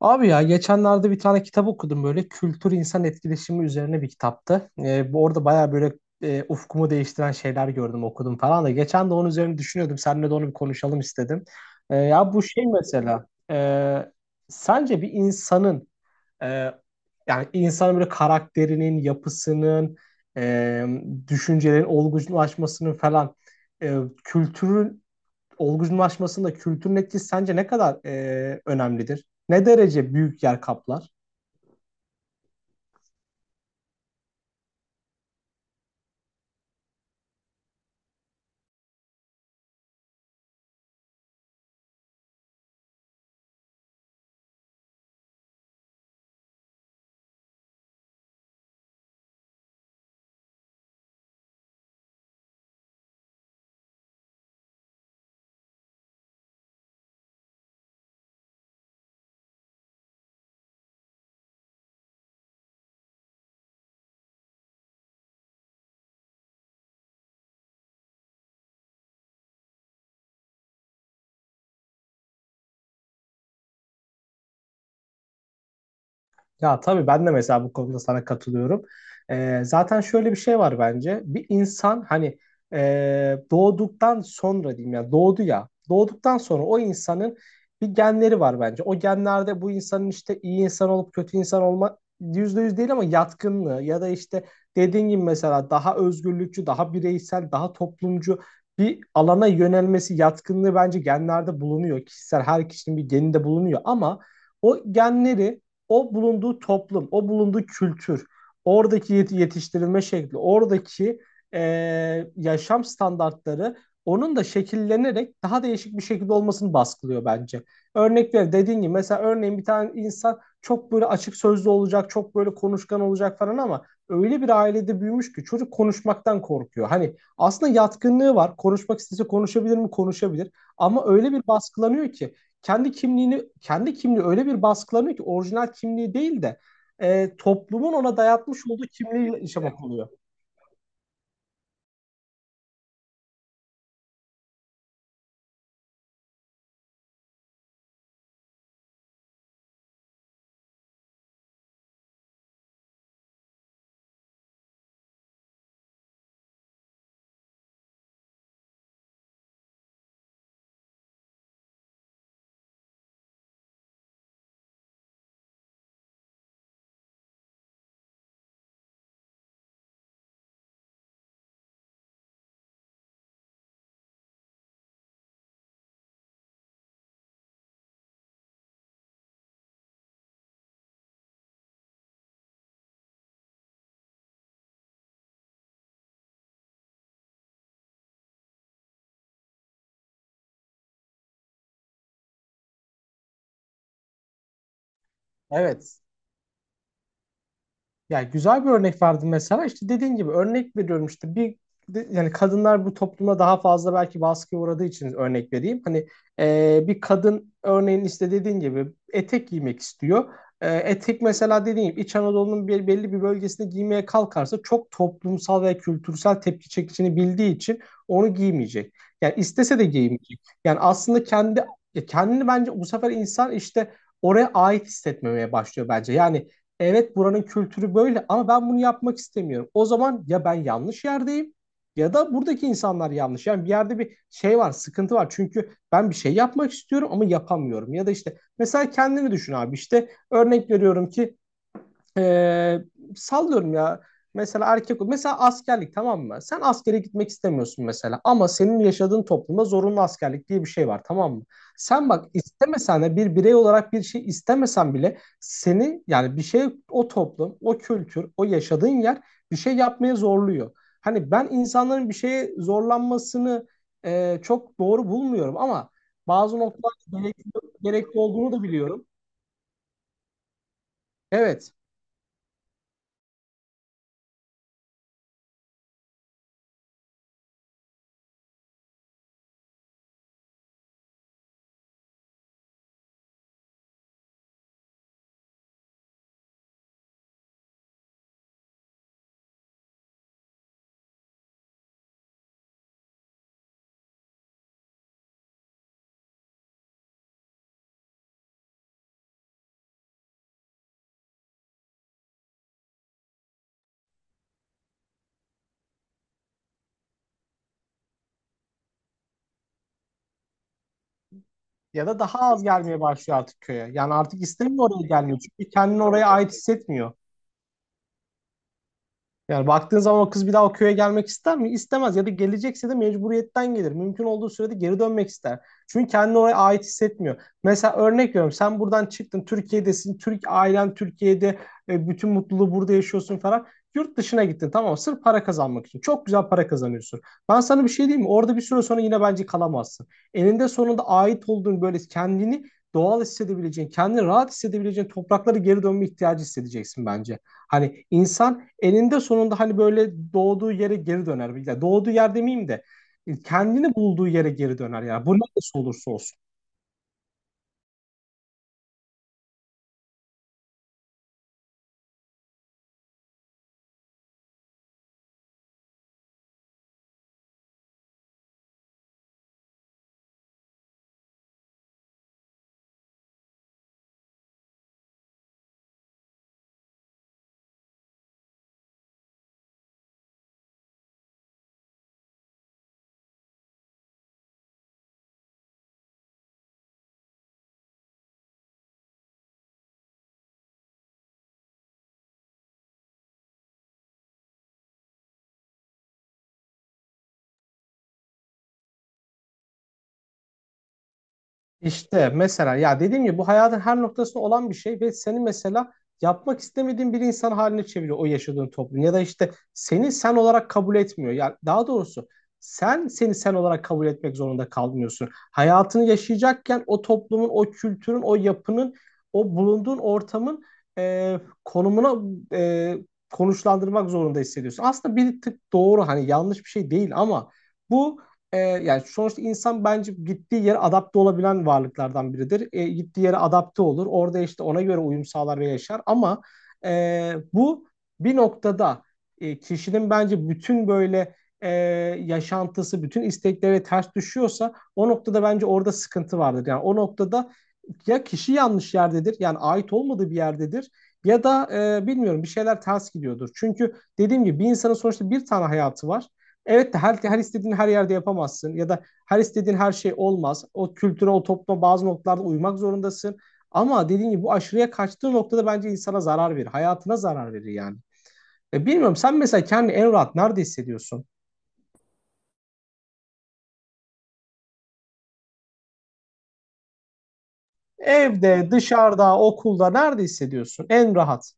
Abi ya geçenlerde bir tane kitap okudum böyle kültür insan etkileşimi üzerine bir kitaptı. Bu orada baya böyle ufkumu değiştiren şeyler gördüm okudum falan da. Geçen de onun üzerine düşünüyordum. Seninle de onu bir konuşalım istedim. Ya bu şey mesela, e, sence bir insanın, e, yani insanın böyle karakterinin, yapısının, e, düşüncelerin olgunlaşmasının falan, e, kültürün olgunlaşmasında kültürün etkisi sence ne kadar önemlidir? Ne derece büyük yer kaplar? Ya tabii ben de mesela bu konuda sana katılıyorum. Zaten şöyle bir şey var bence. Bir insan hani doğduktan sonra diyeyim ya doğdu ya. Doğduktan sonra o insanın bir genleri var bence. O genlerde bu insanın işte iyi insan olup kötü insan olma %100 değil ama yatkınlığı ya da işte dediğin gibi mesela daha özgürlükçü, daha bireysel, daha toplumcu bir alana yönelmesi yatkınlığı bence genlerde bulunuyor. Kişisel her kişinin bir geninde bulunuyor ama o genleri o bulunduğu toplum, o bulunduğu kültür, oradaki yetiştirilme şekli, oradaki yaşam standartları onun da şekillenerek daha değişik bir şekilde olmasını baskılıyor bence. Örnek ver dediğin gibi mesela örneğin bir tane insan çok böyle açık sözlü olacak, çok böyle konuşkan olacak falan ama öyle bir ailede büyümüş ki çocuk konuşmaktan korkuyor. Hani aslında yatkınlığı var. Konuşmak istese konuşabilir mi? Konuşabilir. Ama öyle bir baskılanıyor ki kendi kimliği öyle bir baskılanıyor ki orijinal kimliği değil de toplumun ona dayatmış olduğu kimliğiyle yaşamak oluyor. Evet. Ya güzel bir örnek verdim mesela. İşte dediğin gibi örnek veriyorum işte yani kadınlar bu topluma daha fazla belki baskıya uğradığı için örnek vereyim. Hani bir kadın örneğin işte dediğin gibi etek giymek istiyor. E, etek mesela dediğim gibi İç Anadolu'nun bir, belli bir bölgesinde giymeye kalkarsa çok toplumsal ve kültürel tepki çekeceğini bildiği için onu giymeyecek. Yani istese de giymeyecek. Yani aslında kendini bence bu sefer insan işte oraya ait hissetmemeye başlıyor bence. Yani evet, buranın kültürü böyle ama ben bunu yapmak istemiyorum. O zaman ya ben yanlış yerdeyim ya da buradaki insanlar yanlış. Yani bir yerde bir şey var, sıkıntı var. Çünkü ben bir şey yapmak istiyorum ama yapamıyorum. Ya da işte mesela kendini düşün abi, işte örnek veriyorum ki ee, sallıyorum ya. Mesela erkek, mesela askerlik, tamam mı? Sen askere gitmek istemiyorsun mesela ama senin yaşadığın toplumda zorunlu askerlik diye bir şey var, tamam mı? Sen bak, istemesen de bir birey olarak bir şey istemesen bile seni, yani bir şey, o toplum, o kültür, o yaşadığın yer bir şey yapmaya zorluyor. Hani ben insanların bir şeye zorlanmasını çok doğru bulmuyorum ama bazı noktalarda gerekli olduğunu da biliyorum. Evet. Ya da daha az gelmeye başlıyor artık köye. Yani artık istemiyor, oraya gelmiyor. Çünkü kendini oraya ait hissetmiyor. Yani baktığın zaman o kız bir daha o köye gelmek ister mi? İstemez, ya da gelecekse de mecburiyetten gelir. Mümkün olduğu sürede geri dönmek ister. Çünkü kendini oraya ait hissetmiyor. Mesela örnek veriyorum, sen buradan çıktın, Türkiye'desin. Türk ailen Türkiye'de, bütün mutluluğu burada yaşıyorsun falan. Yurt dışına gittin, tamam mı? Sırf para kazanmak için. Çok güzel para kazanıyorsun. Ben sana bir şey diyeyim mi? Orada bir süre sonra yine bence kalamazsın. Eninde sonunda ait olduğun, böyle kendini doğal hissedebileceğin, kendini rahat hissedebileceğin topraklara geri dönme ihtiyacı hissedeceksin bence. Hani insan elinde sonunda hani böyle doğduğu yere geri döner. Ya doğduğu yer demeyeyim de kendini bulduğu yere geri döner ya. Bu neresi olursa olsun. İşte mesela ya dediğim gibi bu hayatın her noktasında olan bir şey ve seni mesela yapmak istemediğin bir insan haline çeviriyor o yaşadığın toplum ya da işte seni sen olarak kabul etmiyor. Ya daha doğrusu sen seni sen olarak kabul etmek zorunda kalmıyorsun. Hayatını yaşayacakken o toplumun, o kültürün, o yapının, o bulunduğun ortamın e, konumuna e, konuşlandırmak zorunda hissediyorsun. Aslında bir tık doğru, hani yanlış bir şey değil ama bu yani sonuçta insan bence gittiği yere adapte olabilen varlıklardan biridir. E, gittiği yere adapte olur. Orada işte ona göre uyum sağlar ve yaşar. Ama bu bir noktada, kişinin bence bütün böyle e, yaşantısı, bütün istekleri ters düşüyorsa o noktada bence orada sıkıntı vardır. Yani o noktada ya kişi yanlış yerdedir, yani ait olmadığı bir yerdedir. Ya da bilmiyorum, bir şeyler ters gidiyordur. Çünkü dediğim gibi bir insanın sonuçta bir tane hayatı var. Evet de her istediğin her yerde yapamazsın ya da her istediğin her şey olmaz. O kültüre, o topluma bazı noktalarda uymak zorundasın. Ama dediğim gibi bu aşırıya kaçtığı noktada bence insana zarar verir. Hayatına zarar verir yani. E bilmiyorum, sen mesela kendini en rahat nerede hissediyorsun? Evde, dışarıda, okulda nerede hissediyorsun en rahat?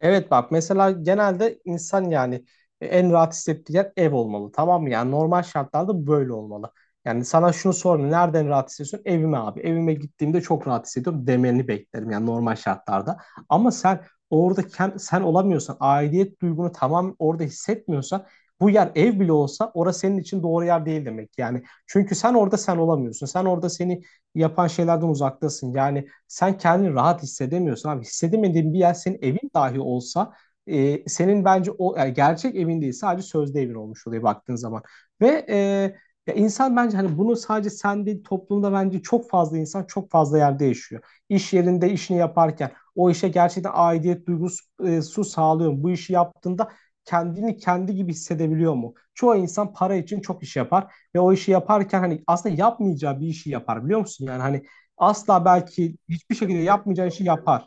Evet, bak mesela genelde insan yani en rahat hissettiği yer ev olmalı, tamam mı? Yani normal şartlarda böyle olmalı. Yani sana şunu sorayım, nereden rahat hissediyorsun? Evime abi. Evime gittiğimde çok rahat hissediyorum demeni beklerim yani normal şartlarda. Ama sen orada sen olamıyorsan, aidiyet duygunu tamam orada hissetmiyorsan, bu yer ev bile olsa orası senin için doğru yer değil demek yani. Çünkü sen orada sen olamıyorsun. Sen orada seni yapan şeylerden uzaktasın. Yani sen kendini rahat hissedemiyorsun abi. Hissedemediğin bir yer senin evin dahi olsa senin bence o, yani gerçek evin değil, sadece sözde evin olmuş oluyor baktığın zaman. Ve ya insan bence hani bunu sadece sen değil, toplumda bence çok fazla insan çok fazla yerde yaşıyor. İş yerinde işini yaparken o işe gerçekten aidiyet duygusu sağlıyor mu? Bu işi yaptığında kendini kendi gibi hissedebiliyor mu? Çoğu insan para için çok iş yapar ve o işi yaparken hani aslında yapmayacağı bir işi yapar biliyor musun? Yani hani asla belki bir şekilde yapmayacağın işi yapar.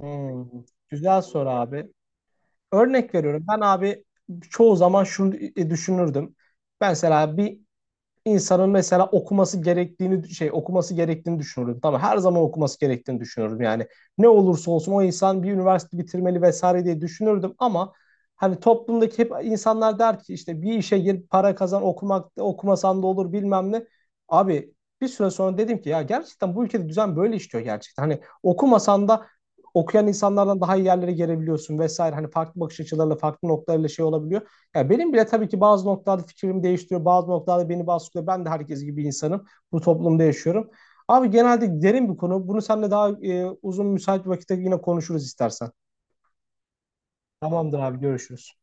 Hmm, güzel soru abi. Örnek veriyorum. Ben abi çoğu zaman şunu düşünürdüm. Ben mesela bir insanın mesela okuması gerektiğini düşünürdüm. Tamam, her zaman okuması gerektiğini düşünürdüm. Yani ne olursa olsun o insan bir üniversite bitirmeli vesaire diye düşünürdüm ama hani toplumdaki hep insanlar der ki işte bir işe gir, para kazan, okumak okumasan da olur bilmem ne. Abi bir süre sonra dedim ki ya gerçekten bu ülkede düzen böyle işliyor gerçekten. Hani okumasan da okuyan insanlardan daha iyi yerlere gelebiliyorsun vesaire. Hani farklı bakış açılarıyla, farklı noktalarıyla şey olabiliyor. Ya benim bile tabii ki bazı noktalarda fikrim değiştiriyor, bazı noktalarda beni baskılıyor. Ben de herkes gibi insanım. Bu toplumda yaşıyorum. Abi genelde derin bir konu. Bunu seninle daha uzun müsait bir vakitte yine konuşuruz istersen. Tamamdır abi, görüşürüz.